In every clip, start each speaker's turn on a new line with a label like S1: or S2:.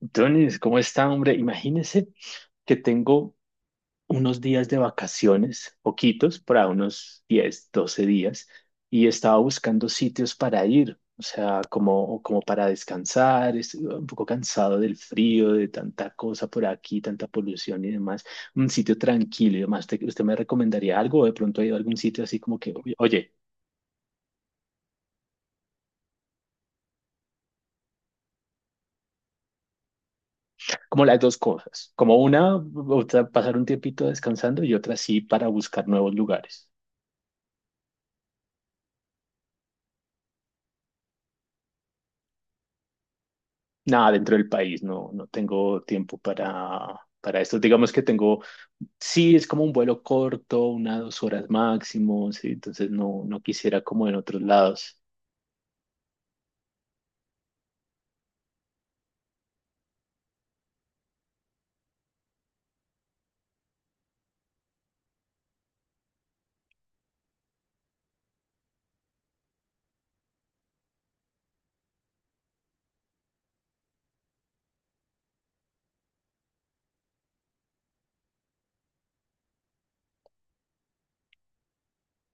S1: Entonces, ¿cómo está, hombre? Imagínese que tengo unos días de vacaciones, poquitos, para unos 10, 12 días, y estaba buscando sitios para ir, o sea, como para descansar, estoy un poco cansado del frío, de tanta cosa por aquí, tanta polución y demás, un sitio tranquilo y demás. ¿Usted me recomendaría algo? ¿O de pronto ha ido a algún sitio así como que, oye, como las dos cosas, como una, o sea, pasar un tiempito descansando y otra sí para buscar nuevos lugares? Nada, dentro del país no, no tengo tiempo para esto. Digamos que tengo, sí, es como un vuelo corto, una, 2 horas máximo, sí, entonces no, no quisiera como en otros lados.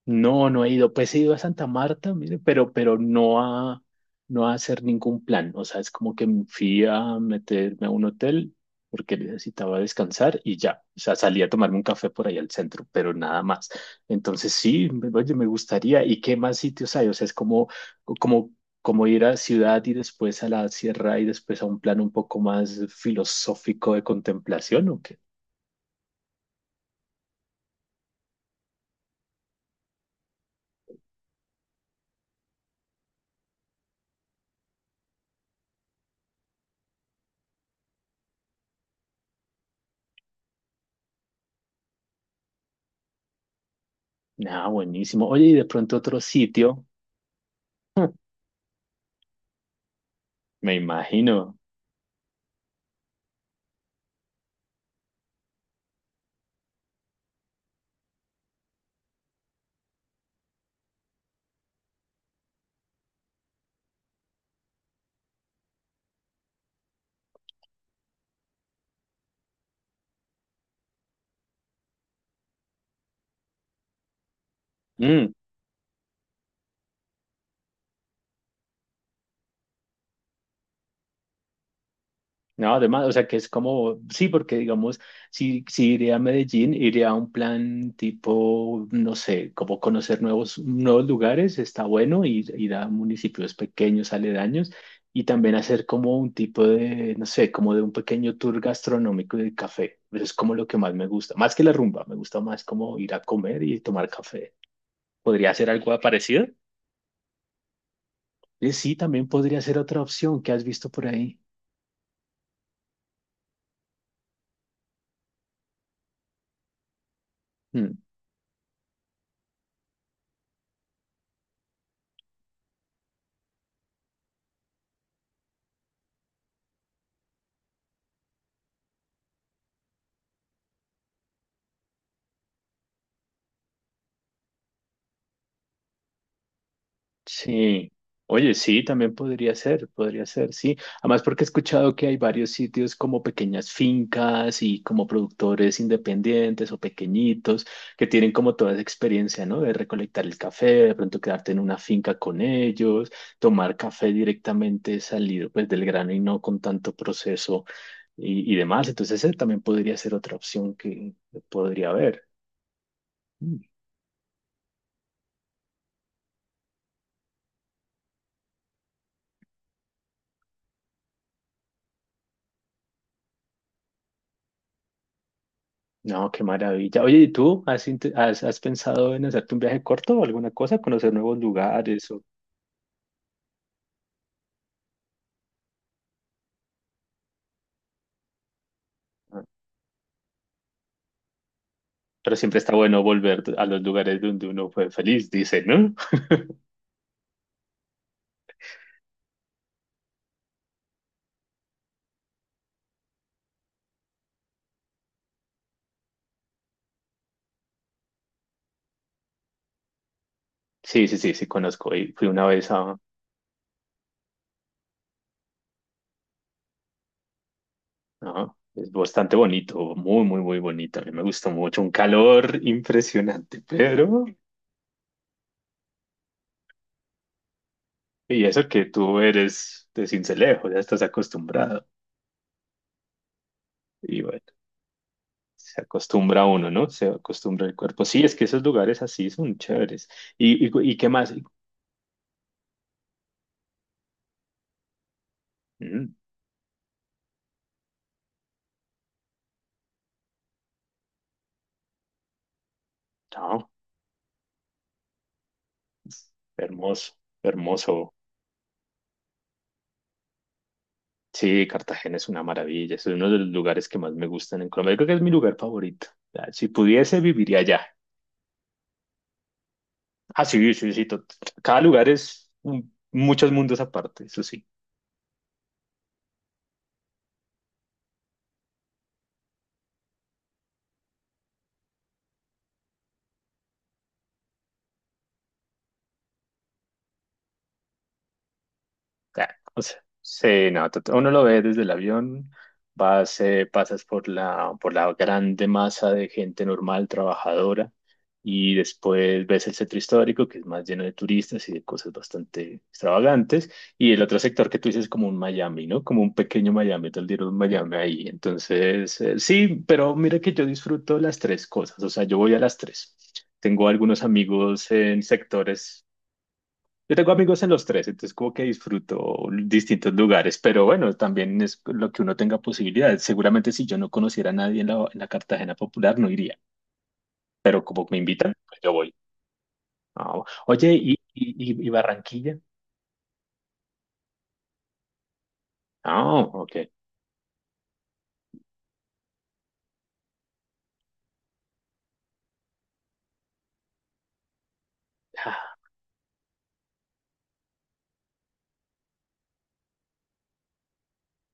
S1: No, no he ido. Pues he ido a Santa Marta, mire, pero no a hacer ningún plan. O sea, es como que fui a meterme a un hotel porque necesitaba descansar y ya. O sea, salí a tomarme un café por ahí al centro, pero nada más. Entonces sí, oye, me gustaría. ¿Y qué más sitios hay? O sea, es como, como ir a ciudad y después a la sierra y después a un plan un poco más filosófico de contemplación, ¿o qué? Nada, buenísimo. Oye, y de pronto otro sitio, me imagino. Mm, no, además, o sea, que es como, sí, porque digamos, si iré a Medellín, iré a un plan tipo, no sé, como conocer nuevos lugares, está bueno, ir a municipios pequeños, aledaños, y también hacer como un tipo de, no sé, como de un pequeño tour gastronómico y de café. Eso es como lo que más me gusta, más que la rumba, me gusta más como ir a comer y tomar café. ¿Podría ser algo parecido? Sí, también podría ser otra opción que has visto por ahí. Sí, oye, sí, también podría ser, sí. Además, porque he escuchado que hay varios sitios como pequeñas fincas y como productores independientes o pequeñitos que tienen como toda esa experiencia, ¿no? De recolectar el café, de pronto quedarte en una finca con ellos, tomar café directamente salido pues del grano y no con tanto proceso y demás. Entonces, esa también podría ser otra opción que podría haber. No, qué maravilla. Oye, ¿y tú has pensado en hacerte un viaje corto o alguna cosa? Conocer nuevos lugares. Ah, Pero siempre está bueno volver a los lugares donde uno fue feliz, dice, ¿no? Sí, sí, sí, sí, conozco. Y fui una vez a... Es bastante bonito, muy, muy, muy bonito. A mí me gustó mucho. Un calor impresionante, pero... Y eso que tú eres de Sincelejo, ya estás acostumbrado. Y bueno, se acostumbra uno, ¿no? Se acostumbra el cuerpo. Sí, es que esos lugares así son chéveres. Y qué más? Mm, no, hermoso, hermoso. Sí, Cartagena es una maravilla. Es uno de los lugares que más me gustan en Colombia. Yo creo que es mi lugar favorito. O sea, si pudiese, viviría allá. Ah, sí, sí, sí. Cada lugar es muchos mundos aparte, eso sí. Ah, o sea, sí, no, uno lo ve desde el avión, vas, pasas por la grande masa de gente normal, trabajadora, y después ves el centro histórico, que es más lleno de turistas y de cosas bastante extravagantes, y el otro sector que tú dices es como un Miami, ¿no? Como un pequeño Miami, tal día un Miami ahí. Entonces, sí, pero mira que yo disfruto las tres cosas, o sea, yo voy a las tres. Tengo algunos amigos en sectores. Yo tengo amigos en los tres, entonces como que disfruto distintos lugares, pero bueno, también es lo que uno tenga posibilidades. Seguramente si yo no conociera a nadie en la Cartagena Popular no iría, pero como me invitan, pues yo voy. Ah, oye, y Barranquilla? Ah, ok. Ah,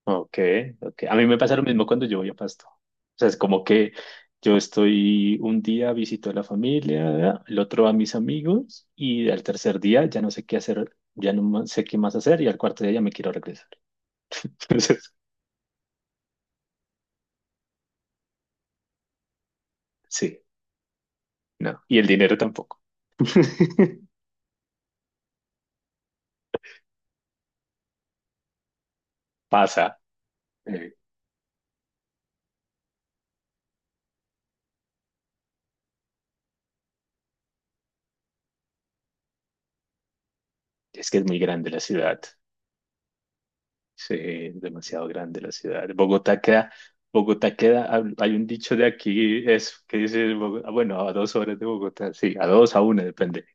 S1: ok, ok. A mí me pasa lo mismo cuando yo voy a Pasto. O sea, es como que yo estoy un día visito a la familia, el otro a mis amigos y al tercer día ya no sé qué hacer, ya no sé qué más hacer y al cuarto día ya me quiero regresar. Entonces, sí, no. Y el dinero tampoco. Pasa. eh, es que es muy grande la ciudad. Sí, es demasiado grande la ciudad. Bogotá queda, hay un dicho de aquí es que dice, bueno, a 2 horas de Bogotá, sí, a dos, a una, depende.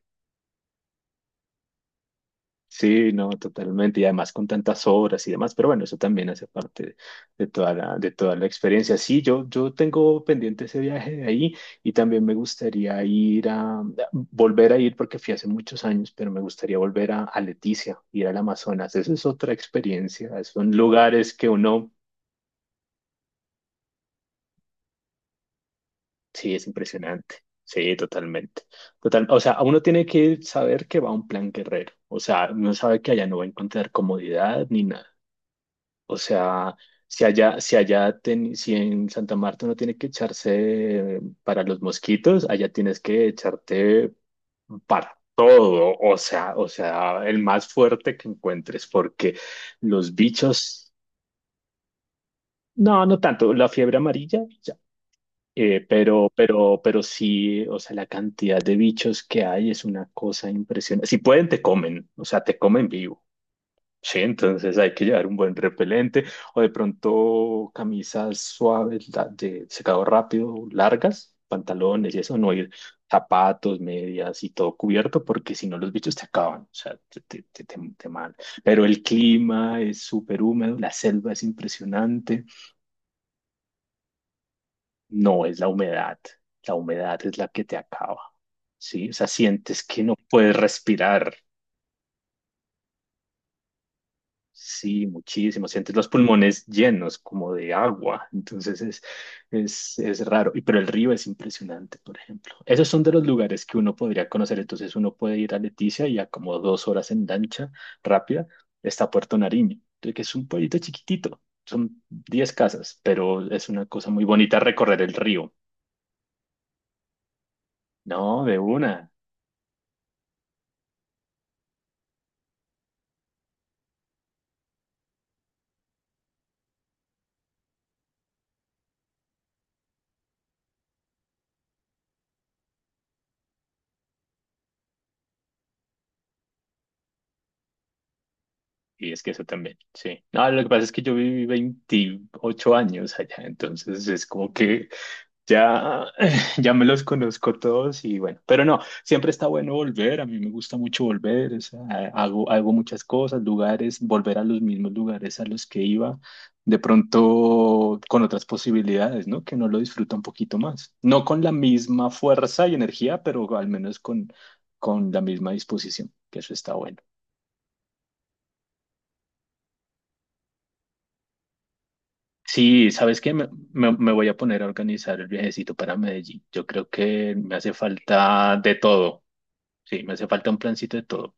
S1: Sí, no, totalmente. Y además con tantas obras y demás, pero bueno, eso también hace parte de toda la experiencia. Sí, yo tengo pendiente ese viaje de ahí y también me gustaría volver a ir porque fui hace muchos años, pero me gustaría volver a Leticia, ir al Amazonas. Esa es otra experiencia. Son lugares que uno, sí, es impresionante. Sí, totalmente. Total, o sea, uno tiene que saber que va a un plan guerrero. O sea, uno sabe que allá no va a encontrar comodidad ni nada. O sea, si en Santa Marta uno tiene que echarse para los mosquitos, allá tienes que echarte para todo. O sea, el más fuerte que encuentres, porque los bichos, no, no tanto, la fiebre amarilla, ya. Pero sí, o sea, la cantidad de bichos que hay es una cosa impresionante. Si pueden, te comen, o sea, te comen vivo. Sí, entonces hay que llevar un buen repelente o de pronto camisas suaves de secado rápido, largas, pantalones y eso, no ir zapatos, medias y todo cubierto porque si no los bichos te acaban, o sea, te mal. Pero el clima es súper húmedo, la selva es impresionante, no es la humedad es la que te acaba, ¿sí? O sea, sientes que no puedes respirar. Sí, muchísimo. Sientes los pulmones llenos como de agua. Entonces es, raro. Pero el río es impresionante, por ejemplo. Esos son de los lugares que uno podría conocer. Entonces uno puede ir a Leticia y a como 2 horas en lancha rápida está Puerto Nariño, que es un pueblito chiquitito. Son 10 casas, pero es una cosa muy bonita recorrer el río. No, de una. Y es que eso también, sí. No, lo que pasa es que yo viví 28 años allá, entonces es como que ya, ya me los conozco todos y bueno, pero no, siempre está bueno volver, a mí me gusta mucho volver, o sea, hago muchas cosas, lugares, volver a los mismos lugares a los que iba, de pronto con otras posibilidades, ¿no? Que no lo disfruta un poquito más. No con la misma fuerza y energía, pero al menos con, la misma disposición, que eso está bueno. Sí, ¿sabes qué? Me me- voy a poner a organizar el viajecito para Medellín. Yo creo que me hace falta de todo. Sí, me hace falta un plancito de todo.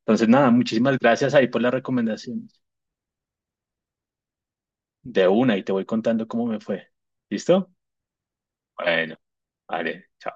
S1: Entonces, nada, muchísimas gracias ahí por las recomendaciones. De una, y te voy contando cómo me fue. ¿Listo? Bueno, vale, chao.